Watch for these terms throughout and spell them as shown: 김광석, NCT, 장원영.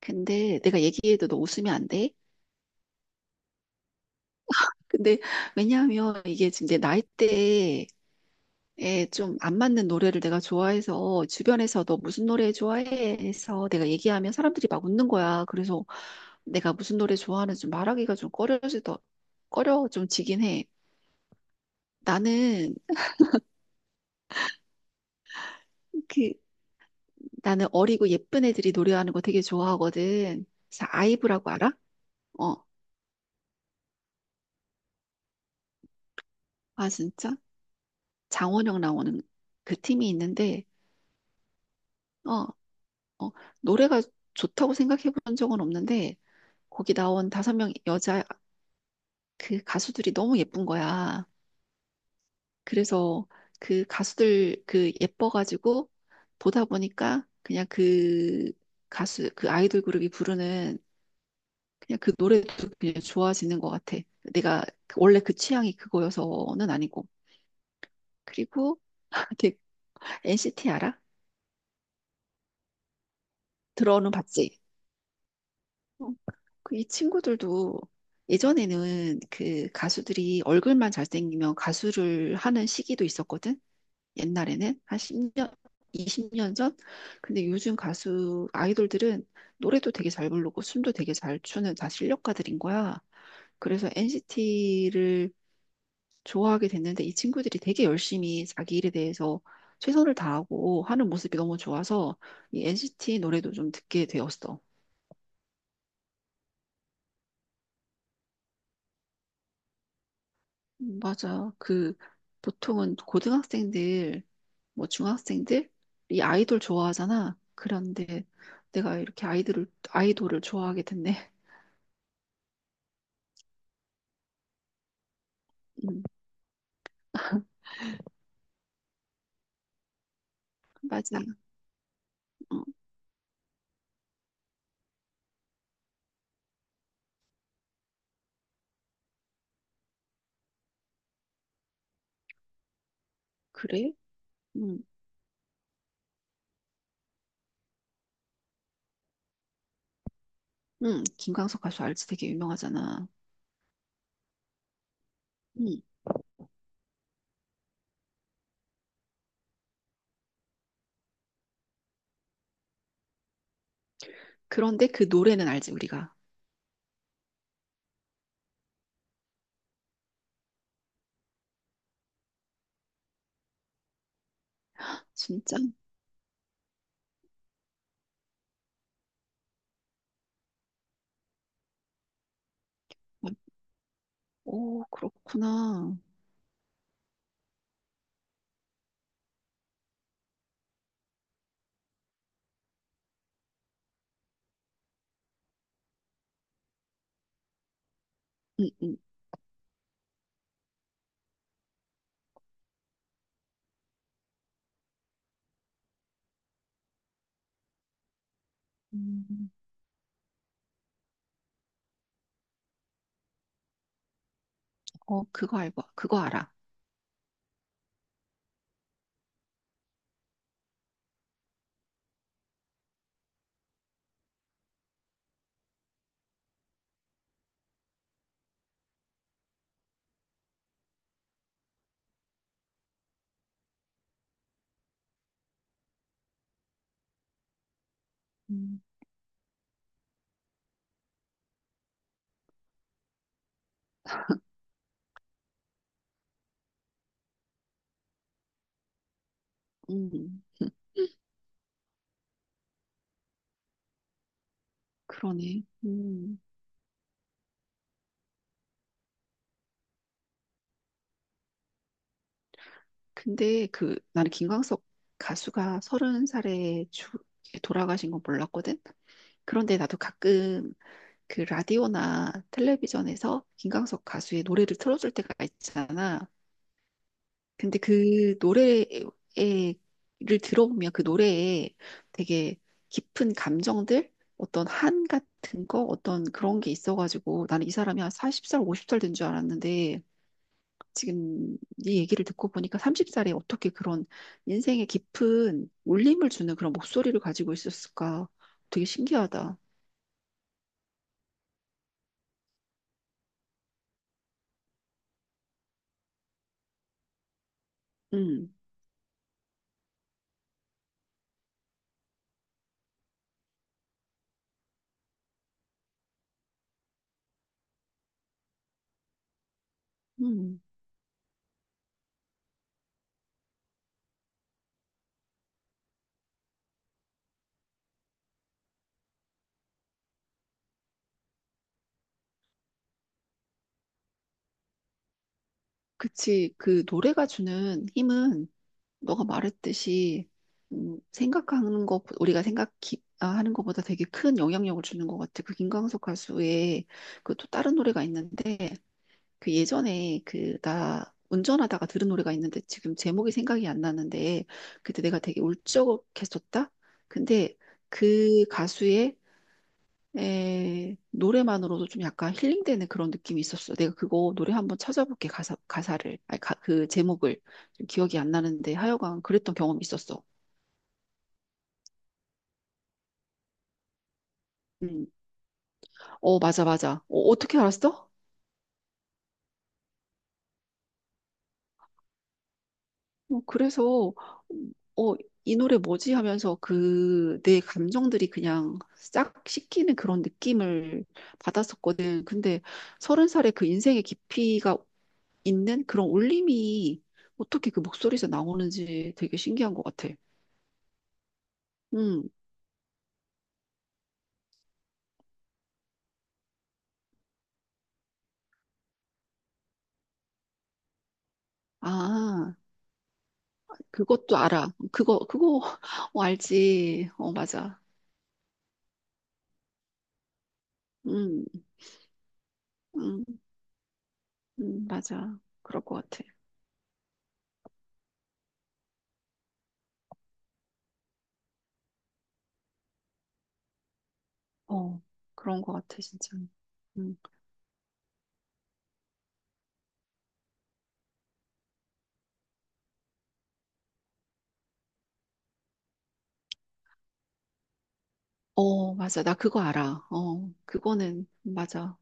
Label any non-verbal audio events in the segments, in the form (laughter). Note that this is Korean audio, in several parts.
근데 내가 얘기해도 너 웃으면 안 돼? 근데 왜냐하면 이게 지금 내 나이대에 좀 안 맞는 노래를 내가 좋아해서 주변에서 너 무슨 노래 좋아해? 해서 내가 얘기하면 사람들이 막 웃는 거야. 그래서 내가 무슨 노래 좋아하는지 좀 말하기가 좀 꺼려 좀 지긴 해. 나는 그 나는 어리고 예쁜 애들이 노래하는 거 되게 좋아하거든. 그래서 아이브라고 알아? 어. 아 진짜? 장원영 나오는 그 팀이 있는데 어. 어, 노래가 좋다고 생각해 본 적은 없는데, 거기 나온 다섯 명 여자 그 가수들이 너무 예쁜 거야. 그래서 그 가수들 그 예뻐가지고 보다 보니까 그냥 그 가수, 그 아이돌 그룹이 부르는 그냥 그 노래도 그냥 좋아지는 것 같아. 내가 원래 그 취향이 그거여서는 아니고. 그리고 (laughs) 되게 NCT 알아? 들어는 봤지? 그 이 친구들도 예전에는 그 가수들이 얼굴만 잘생기면 가수를 하는 시기도 있었거든. 옛날에는 한 10년, 20년 전. 근데 요즘 가수 아이돌들은 노래도 되게 잘 부르고 춤도 되게 잘 추는 다 실력가들인 거야. 그래서 NCT를 좋아하게 됐는데 이 친구들이 되게 열심히 자기 일에 대해서 최선을 다하고 하는 모습이 너무 좋아서 이 NCT 노래도 좀 듣게 되었어. 맞아. 그 보통은 고등학생들 뭐 중학생들이 아이돌 좋아하잖아. 그런데 내가 이렇게 아이들을 아이돌을 좋아하게 됐네. (laughs) 음, 맞아. 어, 그래? 음, 김광석 가수 알지? 되게 유명하잖아. 음, 그런데 그 노래는 알지 우리가. 진짜? 어, 오, 그렇구나. 음, 음, 음. 어, 그거 알아. 음, 음, 그러네. 음. 근데 그 나는 김광석 가수가 30살에 돌아가신 건 몰랐거든. 그런데 나도 가끔 그 라디오나 텔레비전에서 김광석 가수의 노래를 틀어줄 때가 있잖아. 근데 그 노래를 들어보면 그 노래에 되게 깊은 감정들, 어떤 한 같은 거, 어떤 그런 게 있어가지고 나는 이 사람이 한 40살, 50살 된 줄 알았는데 지금 네 얘기를 듣고 보니까 30살에 어떻게 그런 인생의 깊은 울림을 주는 그런 목소리를 가지고 있었을까? 되게 신기하다. 음, 음, 그치. 그 노래가 주는 힘은 너가 말했듯이 우리가 생각하는 것보다 되게 큰 영향력을 주는 것 같아. 그 김광석 가수의 그 또 다른 노래가 있는데 그 예전에 그 나 운전하다가 들은 노래가 있는데 지금 제목이 생각이 안 나는데 그때 내가 되게 울적했었다. 근데 그 가수의 노래만으로도 좀 약간 힐링되는 그런 느낌이 있었어. 내가 그거 노래 한번 찾아볼게 가사를 아니 그 제목을 좀 기억이 안 나는데 하여간 그랬던 경험이 있었어. 음. 어 맞아 맞아. 어, 어떻게 알았어? 어, 그래서 어, 이 노래 뭐지 하면서 그 내 감정들이 그냥 싹 씻기는 그런 느낌을 받았었거든. 근데 30살에 그 인생의 깊이가 있는 그런 울림이 어떻게 그 목소리에서 나오는지 되게 신기한 것 같아. 음, 아, 그것도 알아. 그거, 그거, (laughs) 어, 알지. 어, 맞아. 음, 음, 맞아. 그럴 것 같아. 어, 그런 것 같아, 진짜. 음. 어, 맞아. 나 그거 알아. 어, 그거는, 맞아.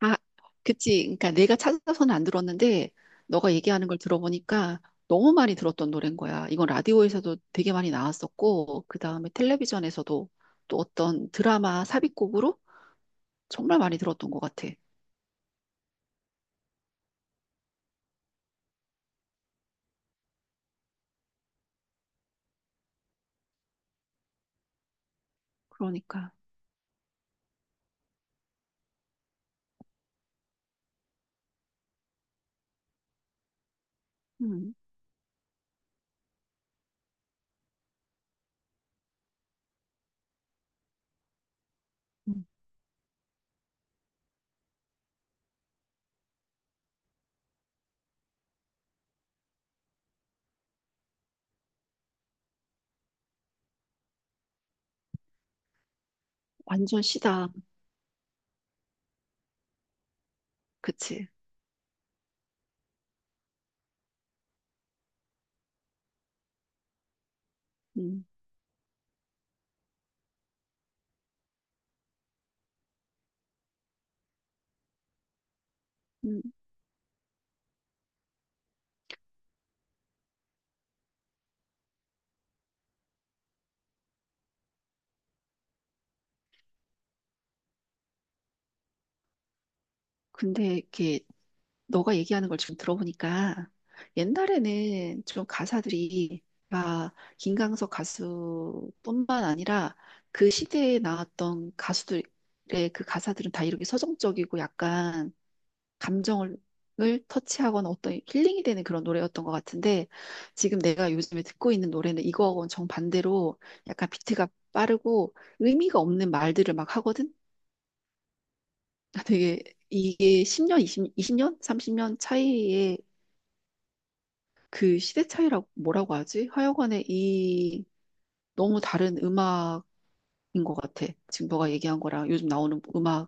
다, 그치. 그러니까 내가 찾아서는 안 들었는데, 너가 얘기하는 걸 들어보니까 너무 많이 들었던 노래인 거야. 이건 라디오에서도 되게 많이 나왔었고, 그 다음에 텔레비전에서도 또 어떤 드라마 삽입곡으로 정말 많이 들었던 것 같아. 그러니까, 음, 음, 완전 시다. 그치. 음, 음. 근데 이렇게 너가 얘기하는 걸 지금 들어보니까 옛날에는 좀 가사들이 막 김광석 가수뿐만 아니라 그 시대에 나왔던 가수들의 그 가사들은 다 이렇게 서정적이고 약간 감정을 을 터치하거나 어떤 힐링이 되는 그런 노래였던 것 같은데 지금 내가 요즘에 듣고 있는 노래는 이거하고는 정반대로 약간 비트가 빠르고 의미가 없는 말들을 막 하거든? (laughs) 되게 이게 10년, 20, 이십 년 30년 차이의 그 시대 차이라고 뭐라고 하지? 하여간에 이 너무 다른 음악인 것 같아. 지금 너가 얘기한 거랑 요즘 나오는 음악이랑은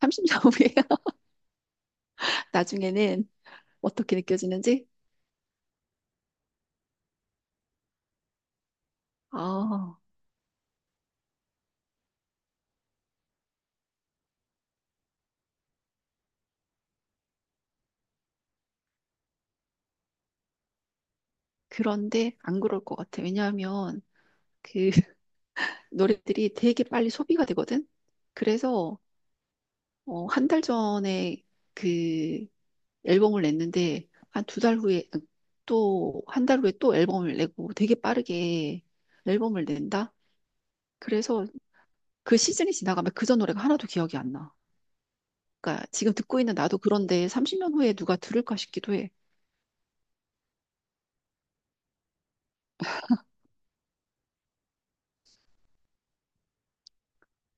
30년 후에 (laughs) 나중에는 어떻게 느껴지는지? 아, 그런데 안 그럴 것 같아. 왜냐하면 그 (laughs) 노래들이 되게 빨리 소비가 되거든. 그래서 어, 한 달 전에 그 앨범을 냈는데 한 두 달 후에 또 한 달 후에 또 앨범을 내고 되게 빠르게 앨범을 낸다? 그래서 그 시즌이 지나가면 그 전 노래가 하나도 기억이 안 나. 그러니까 지금 듣고 있는 나도 그런데 30년 후에 누가 들을까 싶기도 해.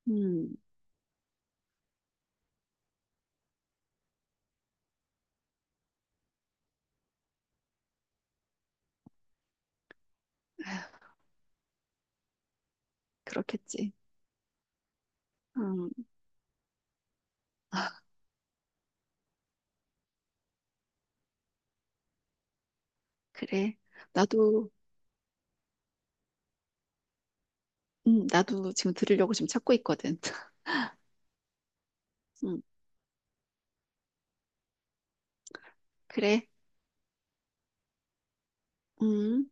음, 그렇겠지. 음, 그래. 나도, 나도 지금 들으려고 지금 찾고 있거든. (laughs) 음, 그래. 음.